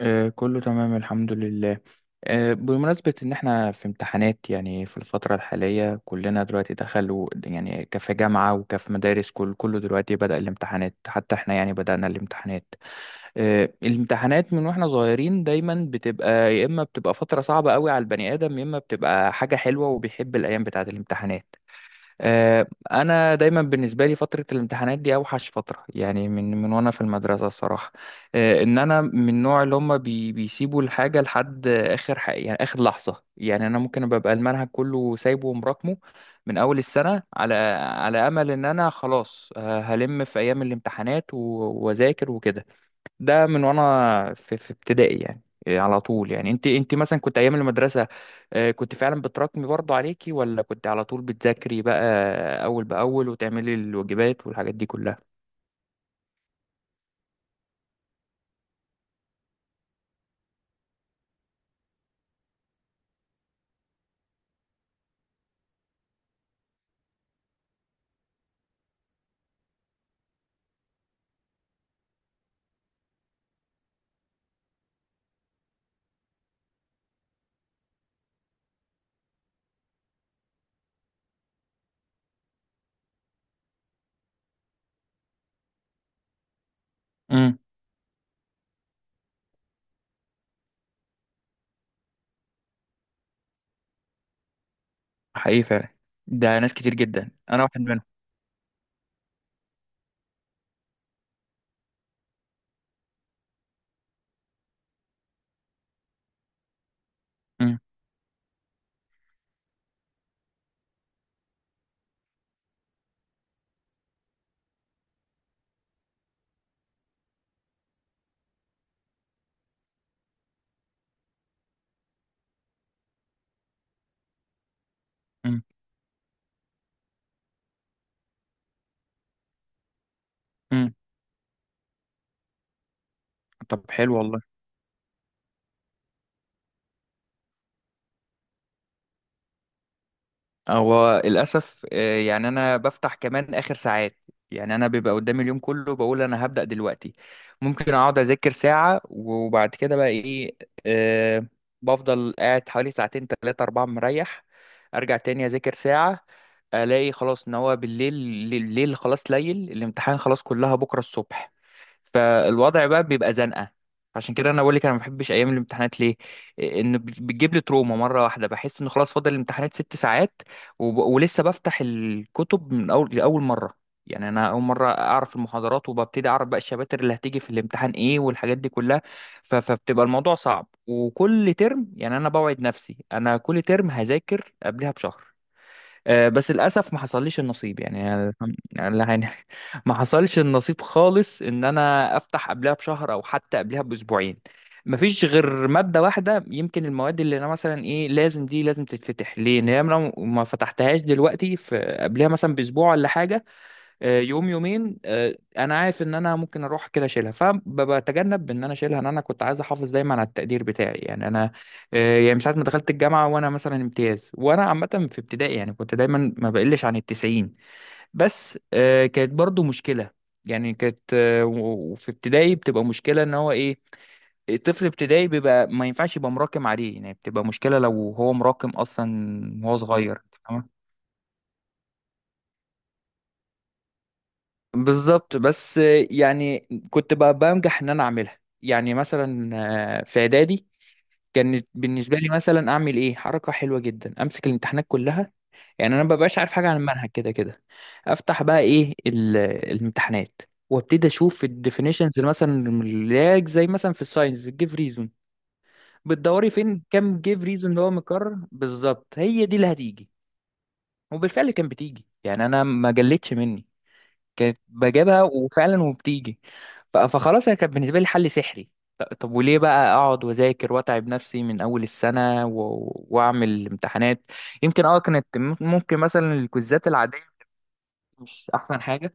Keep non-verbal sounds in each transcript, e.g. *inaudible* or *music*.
آه، كله تمام الحمد لله. بمناسبة إن إحنا في امتحانات، يعني في الفترة الحالية كلنا دلوقتي دخلوا، يعني كفي جامعة وكفي مدارس، كله دلوقتي بدأ الامتحانات، حتى إحنا يعني بدأنا الامتحانات. الامتحانات من وإحنا صغيرين دايما بتبقى يا إما بتبقى فترة صعبة قوي على البني آدم، يا إما بتبقى حاجة حلوة وبيحب الأيام بتاعة الامتحانات. آه، انا دايما بالنسبه لي فتره الامتحانات دي اوحش فتره، يعني من وانا في المدرسه الصراحه. ان انا من النوع اللي هم بيسيبوا الحاجه لحد اخر حق، يعني اخر لحظه. يعني انا ممكن ببقى المنهج كله سايبه ومراكمه من اول السنه، على على امل ان انا خلاص هلم في ايام الامتحانات واذاكر وكده. ده من وانا في ابتدائي يعني إيه، على طول. يعني انت مثلا كنت ايام المدرسه كنت فعلا بتراكمي برضو عليكي، ولا كنت على طول بتذاكري بقى اول باول وتعملي الواجبات والحاجات دي كلها؟ امم. حقيقي فعلا، ده ناس كتير جدا، انا واحد منهم. امم. امم. امم. طب حلو والله. هو للأسف يعني أنا بفتح كمان آخر ساعات. يعني أنا بيبقى قدامي اليوم كله، بقول أنا هبدأ دلوقتي، ممكن أقعد أذاكر ساعة، وبعد كده بقى إيه، آه، بفضل قاعد حوالي ساعتين تلاتة أربعة مريح، أرجع تاني أذاكر ساعة، ألاقي خلاص إن هو بالليل. الليل خلاص، ليل الامتحان، خلاص كلها بكرة الصبح. فالوضع بقى بيبقى زنقه. عشان كده انا بقول لك انا ما بحبش ايام الامتحانات ليه. ان بتجيب لي تروما مره واحده، بحس ان خلاص فاضل الامتحانات 6 ساعات، ولسه بفتح الكتب من اول لاول مره. يعني انا اول مره اعرف المحاضرات، وببتدي اعرف بقى الشباتر اللي هتيجي في الامتحان ايه والحاجات دي كلها. فبتبقى الموضوع صعب. وكل ترم يعني انا بوعد نفسي انا كل ترم هذاكر قبلها بشهر، بس للاسف ما حصليش النصيب. يعني لا يعني *laughs* ما حصلش النصيب خالص ان انا افتح قبلها بشهر او حتى قبلها باسبوعين. ما فيش غير ماده واحده، يمكن المواد اللي انا مثلا ايه لازم، دي لازم تتفتح ليه، ان هي لو ما فتحتهاش دلوقتي في قبلها مثلا باسبوع ولا حاجه، يوم يومين. انا عارف ان انا ممكن اروح كده اشيلها، فبتجنب ان انا اشيلها. ان انا كنت عايز احافظ دايما على التقدير بتاعي. يعني انا يعني من ساعه ما دخلت الجامعه وانا مثلا امتياز، وانا عامه في ابتدائي، يعني كنت دايما ما بقلش عن ال90. بس كانت برضو مشكله. يعني كانت، وفي ابتدائي بتبقى مشكله، ان هو ايه، الطفل ابتدائي بيبقى ما ينفعش يبقى مراكم عليه، يعني بتبقى مشكله لو هو مراكم اصلا وهو صغير. بالظبط، بس يعني كنت بقى بنجح ان انا اعملها، يعني مثلا في اعدادي كانت بالنسبه لي مثلا اعمل ايه، حركه حلوه جدا، امسك الامتحانات كلها. يعني انا مببقاش عارف حاجه عن المنهج، كده كده افتح بقى ايه الامتحانات، وابتدي اشوف الديفينيشنز مثلا، اللاج زي مثلا في الساينس الجيف ريزون، بتدوري فين كام جيف ريزون اللي هو مكرر بالظبط، هي دي اللي هتيجي. وبالفعل كان بتيجي، يعني انا ما جلتش مني، كانت بجيبها وفعلا وبتيجي. فخلاص هي كانت بالنسبه لي حل سحري. طب وليه بقى اقعد واذاكر واتعب نفسي من اول السنه واعمل امتحانات، يمكن اه كانت ممكن مثلا الكويزات العاديه مش احسن حاجه،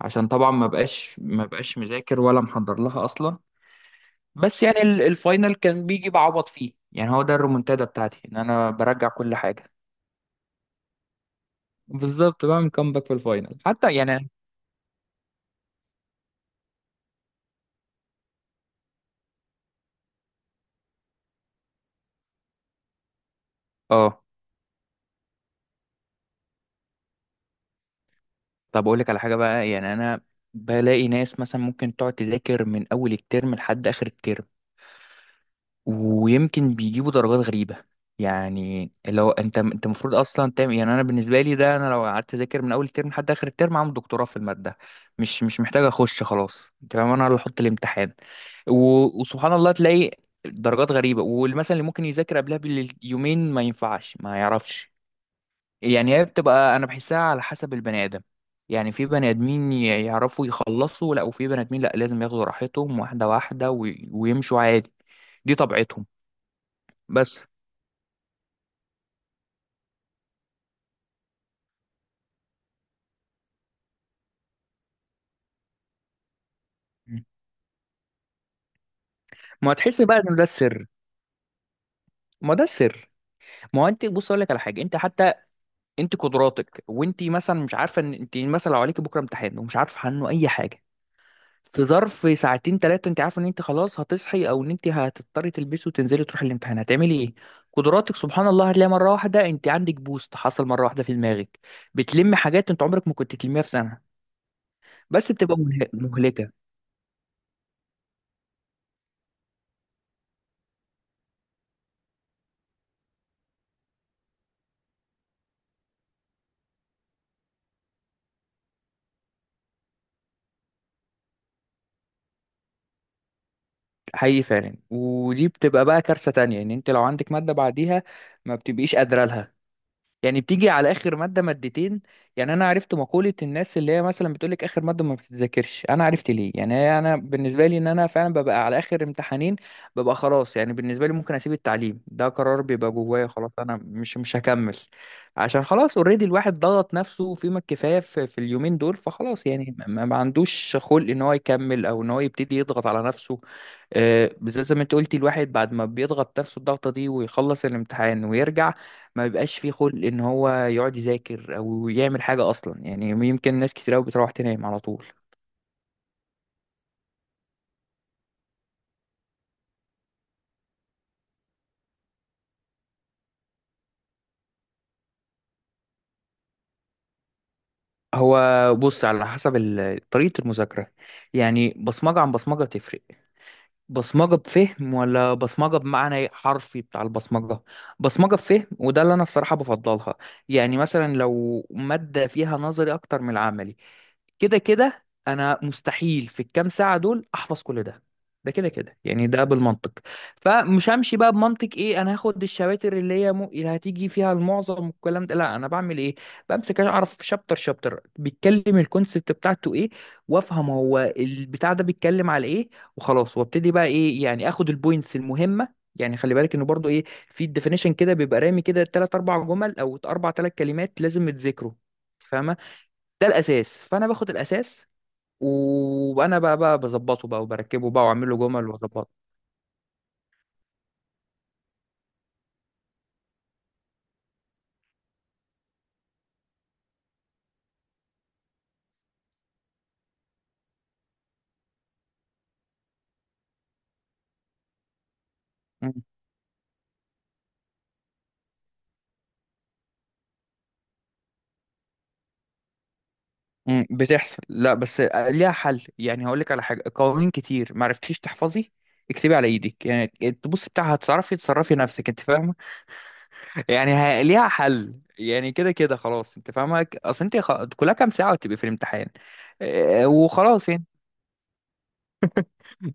عشان طبعا ما بقاش مذاكر ولا محضر لها اصلا. بس يعني الفاينل كان بيجي بعوض فيه، يعني هو ده الرومنتادا بتاعتي، ان انا برجع كل حاجه. بالظبط، بعمل كومباك في الفاينل حتى يعني. اه، طب اقول لك على حاجه بقى، يعني انا بلاقي ناس مثلا ممكن تقعد تذاكر من اول الترم لحد اخر الترم، ويمكن بيجيبوا درجات غريبه. يعني لو انت المفروض اصلا تعمل، يعني انا بالنسبه لي ده، انا لو قعدت اذاكر من اول الترم لحد اخر الترم عامل دكتوراه في الماده، مش محتاج اخش، خلاص انت فاهم انا اللي احط الامتحان. وسبحان الله تلاقي درجات غريبه، والمثل اللي ممكن يذاكر قبلها باليومين ما ينفعش ما يعرفش. يعني هي بتبقى، انا بحسها على حسب البني ادم. يعني في بني ادمين يعرفوا يخلصوا، لا، وفي بني ادمين لا لازم ياخدوا راحتهم واحده واحده ويمشوا عادي، دي طبيعتهم. بس. مم. ما تحس بقى ان ده السر. ما ده السر. ما هو انت بص، اقول لك على حاجه، انت حتى، انت قدراتك، وانت مثلا مش عارفه ان انت مثلا لو عليكي بكره امتحان ومش عارفه عنه اي حاجه، في ظرف ساعتين ثلاثة، انت عارفة ان انت خلاص هتصحي او ان انت هتضطري تلبسي وتنزلي تروحي الامتحان، هتعملي ايه؟ قدراتك سبحان الله، هتلاقي مرة واحدة انت عندك بوست حصل مرة واحدة في دماغك، بتلمي حاجات انت عمرك ما كنت تلميها في سنة، بس بتبقى مهلكة. حقيقي فعلا، ودي بتبقى بقى كارثة تانية، ان انت لو عندك مادة بعديها، ما بتبقيش قادرة لها. يعني بتيجي على اخر ماده مادتين، يعني انا عرفت مقوله الناس اللي هي مثلا بتقولك اخر ماده ما بتتذاكرش، انا عرفت ليه. يعني هي، انا بالنسبه لي، ان انا فعلا ببقى على اخر امتحانين ببقى خلاص، يعني بالنسبه لي ممكن اسيب التعليم، ده قرار بيبقى جوايا، خلاص انا مش هكمل. عشان خلاص اوريدي الواحد ضغط نفسه فيما الكفايه في اليومين دول، فخلاص يعني ما عندوش خلق ان هو يكمل او ان هو يبتدي يضغط على نفسه. بالذات زي ما انت قلتي، الواحد بعد ما بيضغط نفسه الضغطه دي ويخلص الامتحان ويرجع، ما بيبقاش فيه خلق ان هو يقعد يذاكر او يعمل حاجه اصلا، يعني يمكن ناس كتير قوي بتروح تنام على طول. هو بص، على حسب طريقه المذاكره. يعني بصمجه عن بصمجه تفرق، بصمجه بفهم ولا بصمجه بمعنى حرفي بتاع البصمجه. بصمجه بفهم، وده اللي انا الصراحه بفضلها. يعني مثلا لو ماده فيها نظري اكتر من العملي، كده كده انا مستحيل في الكام ساعه دول احفظ كل ده، ده كده كده يعني ده بالمنطق. فمش همشي بقى بمنطق ايه، انا هاخد الشباتر اللي هي اللي هتيجي فيها المعظم والكلام ده. لا انا بعمل ايه، بمسك اعرف شابتر شابتر بيتكلم الكونسبت بتاعته ايه، وافهم هو البتاع ده بيتكلم على ايه، وخلاص وابتدي بقى ايه، يعني اخد البوينتس المهمه. يعني خلي بالك انه برضو ايه، في الديفينيشن كده بيبقى رامي كده تلات اربع جمل او اربع تلات كلمات لازم يتذكروا، ده الاساس، فانا باخد الاساس، وانا بقى بظبطه بقى وبركبه بقى واعمل له جمل واظبطه. مم. مم. بتحصل، لا بس ليها حل. يعني هقول لك على حاجه، قوانين كتير ما عرفتيش تحفظي، اكتبي على ايدك، يعني تبص بتاعها هتصرفي، نفسك انت فاهمه. يعني ليها حل، يعني كده كده خلاص انت فاهمه اصل انت كلها كام ساعه وتبقي في الامتحان، وخلاص يعني.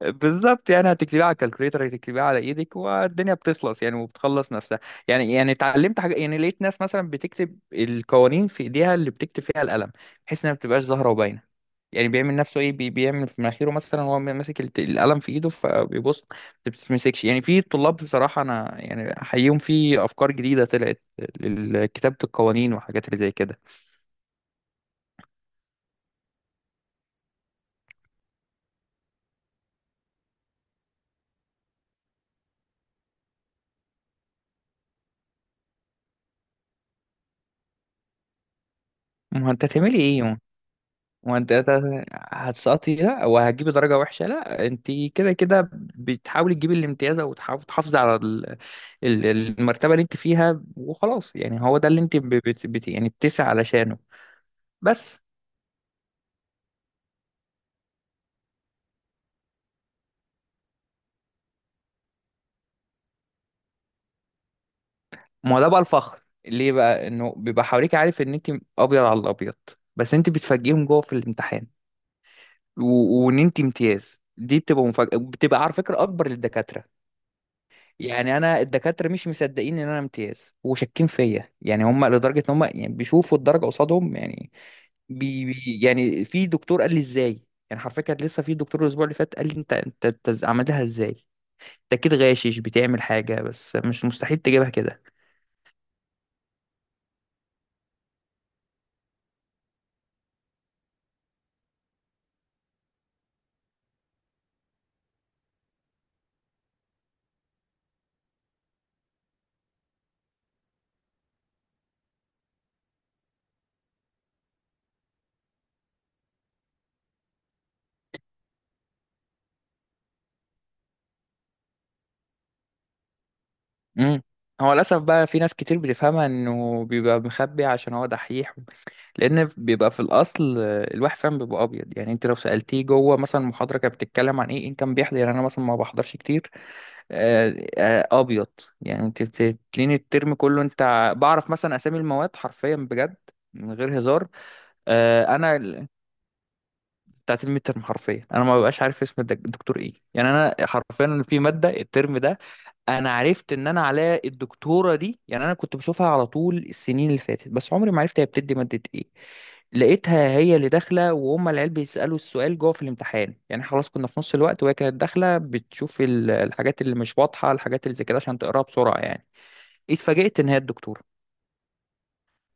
بالظبط، يعني هتكتبيها على الكالكوليتر، هتكتبيها على ايدك، والدنيا بتخلص يعني، وبتخلص نفسها. يعني يعني اتعلمت حاجه، يعني لقيت ناس مثلا بتكتب القوانين في ايديها اللي بتكتب فيها القلم، بحيث انها ما بتبقاش ظاهره وباينه. يعني بيعمل نفسه ايه، بيعمل في مناخيره مثلا، وهو ماسك القلم في ايده فبيبص، ما بتتمسكش. يعني في طلاب بصراحه انا يعني احييهم في افكار جديده طلعت لكتابه القوانين وحاجات اللي زي كده. ما هو انت هتعملي ايه، وانت هتسقطي لا، وهتجيبي درجة وحشة لا، انت كده كده بتحاولي تجيبي الامتياز او تحاول تحافظي على المرتبة اللي انت فيها، وخلاص يعني هو ده اللي انت ب- بت بت يعني بتسعي علشانه. بس ما هو ده بقى الفخر ليه بقى، انه بيبقى حواليك عارف ان انت ابيض على الابيض، بس انت بتفاجئهم جوه في الامتحان. وان انت امتياز دي بتبقى مفاجأة، بتبقى على فكرة اكبر للدكاترة. يعني انا الدكاتره مش مصدقين ان انا امتياز وشاكين فيا، يعني هم لدرجه ان هم يعني بيشوفوا الدرجه قصادهم يعني. يعني في دكتور قال لي ازاي. يعني حرفيا كان لسه في دكتور الاسبوع اللي فات قال لي انت عملها ازاي، انت اكيد غاشش بتعمل حاجه، بس مش مستحيل تجيبها كده. امم. هو للاسف بقى في ناس كتير بتفهمها انه بيبقى مخبي عشان هو دحيح. لان بيبقى في الاصل الواحد فاهم، بيبقى ابيض. يعني انت لو سالتيه جوه مثلا المحاضره كانت بتتكلم عن ايه، ان كان بيحضر يعني، انا مثلا ما بحضرش كتير. ابيض. يعني انت بتتلين الترم كله، انت بعرف مثلا اسامي المواد حرفيا بجد، من غير هزار. آه، انا ال- بتاعت الميد ترم، حرفيا انا ما ببقاش عارف اسم الدكتور ايه. يعني انا حرفيا في ماده الترم ده، انا عرفت ان انا علاء الدكتوره دي. يعني انا كنت بشوفها على طول السنين اللي فاتت، بس عمري ما عرفت هي بتدي ماده ايه. لقيتها هي اللي داخله، وهم العيال بيسالوا السؤال جوه في الامتحان، يعني خلاص كنا في نص الوقت، وهي كانت داخله بتشوف الحاجات اللي مش واضحه، الحاجات اللي زي كده عشان تقراها بسرعه يعني. اتفاجئت ان هي الدكتوره.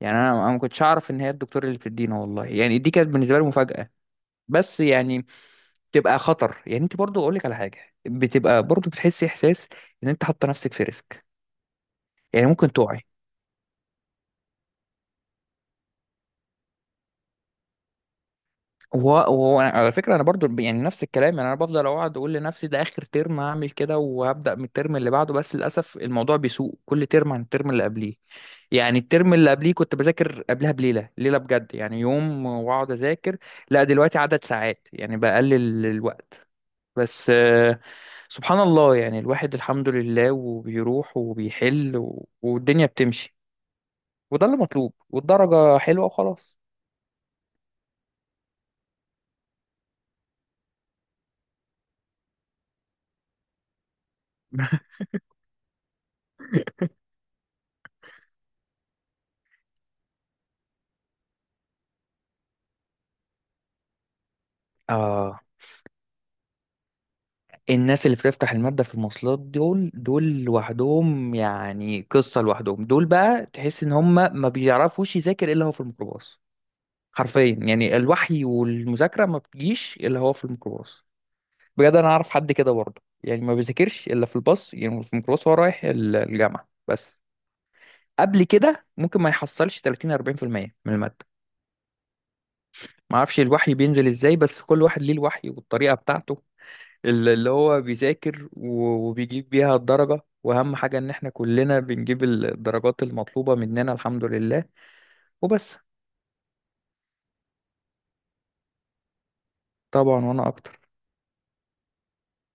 يعني انا ما كنتش اعرف ان هي الدكتوره اللي بتدينا، والله يعني دي كانت بالنسبه لي مفاجاه. بس يعني تبقى خطر. يعني انت برضو اقول لك على حاجه، بتبقى برضو بتحسي احساس ان انت حاطه نفسك في ريسك، يعني ممكن تقعي. وعلى فكرة أنا برضو يعني نفس الكلام، يعني أنا بفضل أقعد أقول لنفسي ده آخر ترم هعمل كده، وهبدأ من الترم اللي بعده، بس للأسف الموضوع بيسوء كل ترم عن الترم اللي قبليه. يعني الترم اللي قبليه كنت بذاكر قبلها بليلة، ليلة بجد يعني يوم، وأقعد أذاكر. لا دلوقتي عدد ساعات، يعني بقلل الوقت بس. سبحان الله، يعني الواحد الحمد لله، وبيروح وبيحل، والدنيا بتمشي، وده اللي مطلوب، والدرجة حلوة وخلاص. *laughs* آه، الناس اللي بتفتح المادة في المواصلات دول، دول لوحدهم، يعني قصة لوحدهم، دول بقى تحس ان هم ما بيعرفوش يذاكر الا هو في الميكروباص. حرفيا، يعني الوحي والمذاكرة ما بتجيش الا هو في الميكروباص. بجد انا اعرف حد كده برضه، يعني ما بيذاكرش الا في الباص، يعني في الميكروباص وهو رايح الجامعة بس. قبل كده ممكن ما يحصلش 30 40% من المادة. ما اعرفش الوحي بينزل ازاي، بس كل واحد ليه الوحي والطريقة بتاعته، اللي هو بيذاكر وبيجيب بيها الدرجة. وأهم حاجة إن إحنا كلنا بنجيب الدرجات المطلوبة مننا الحمد لله، وبس. طبعا، وأنا أكتر.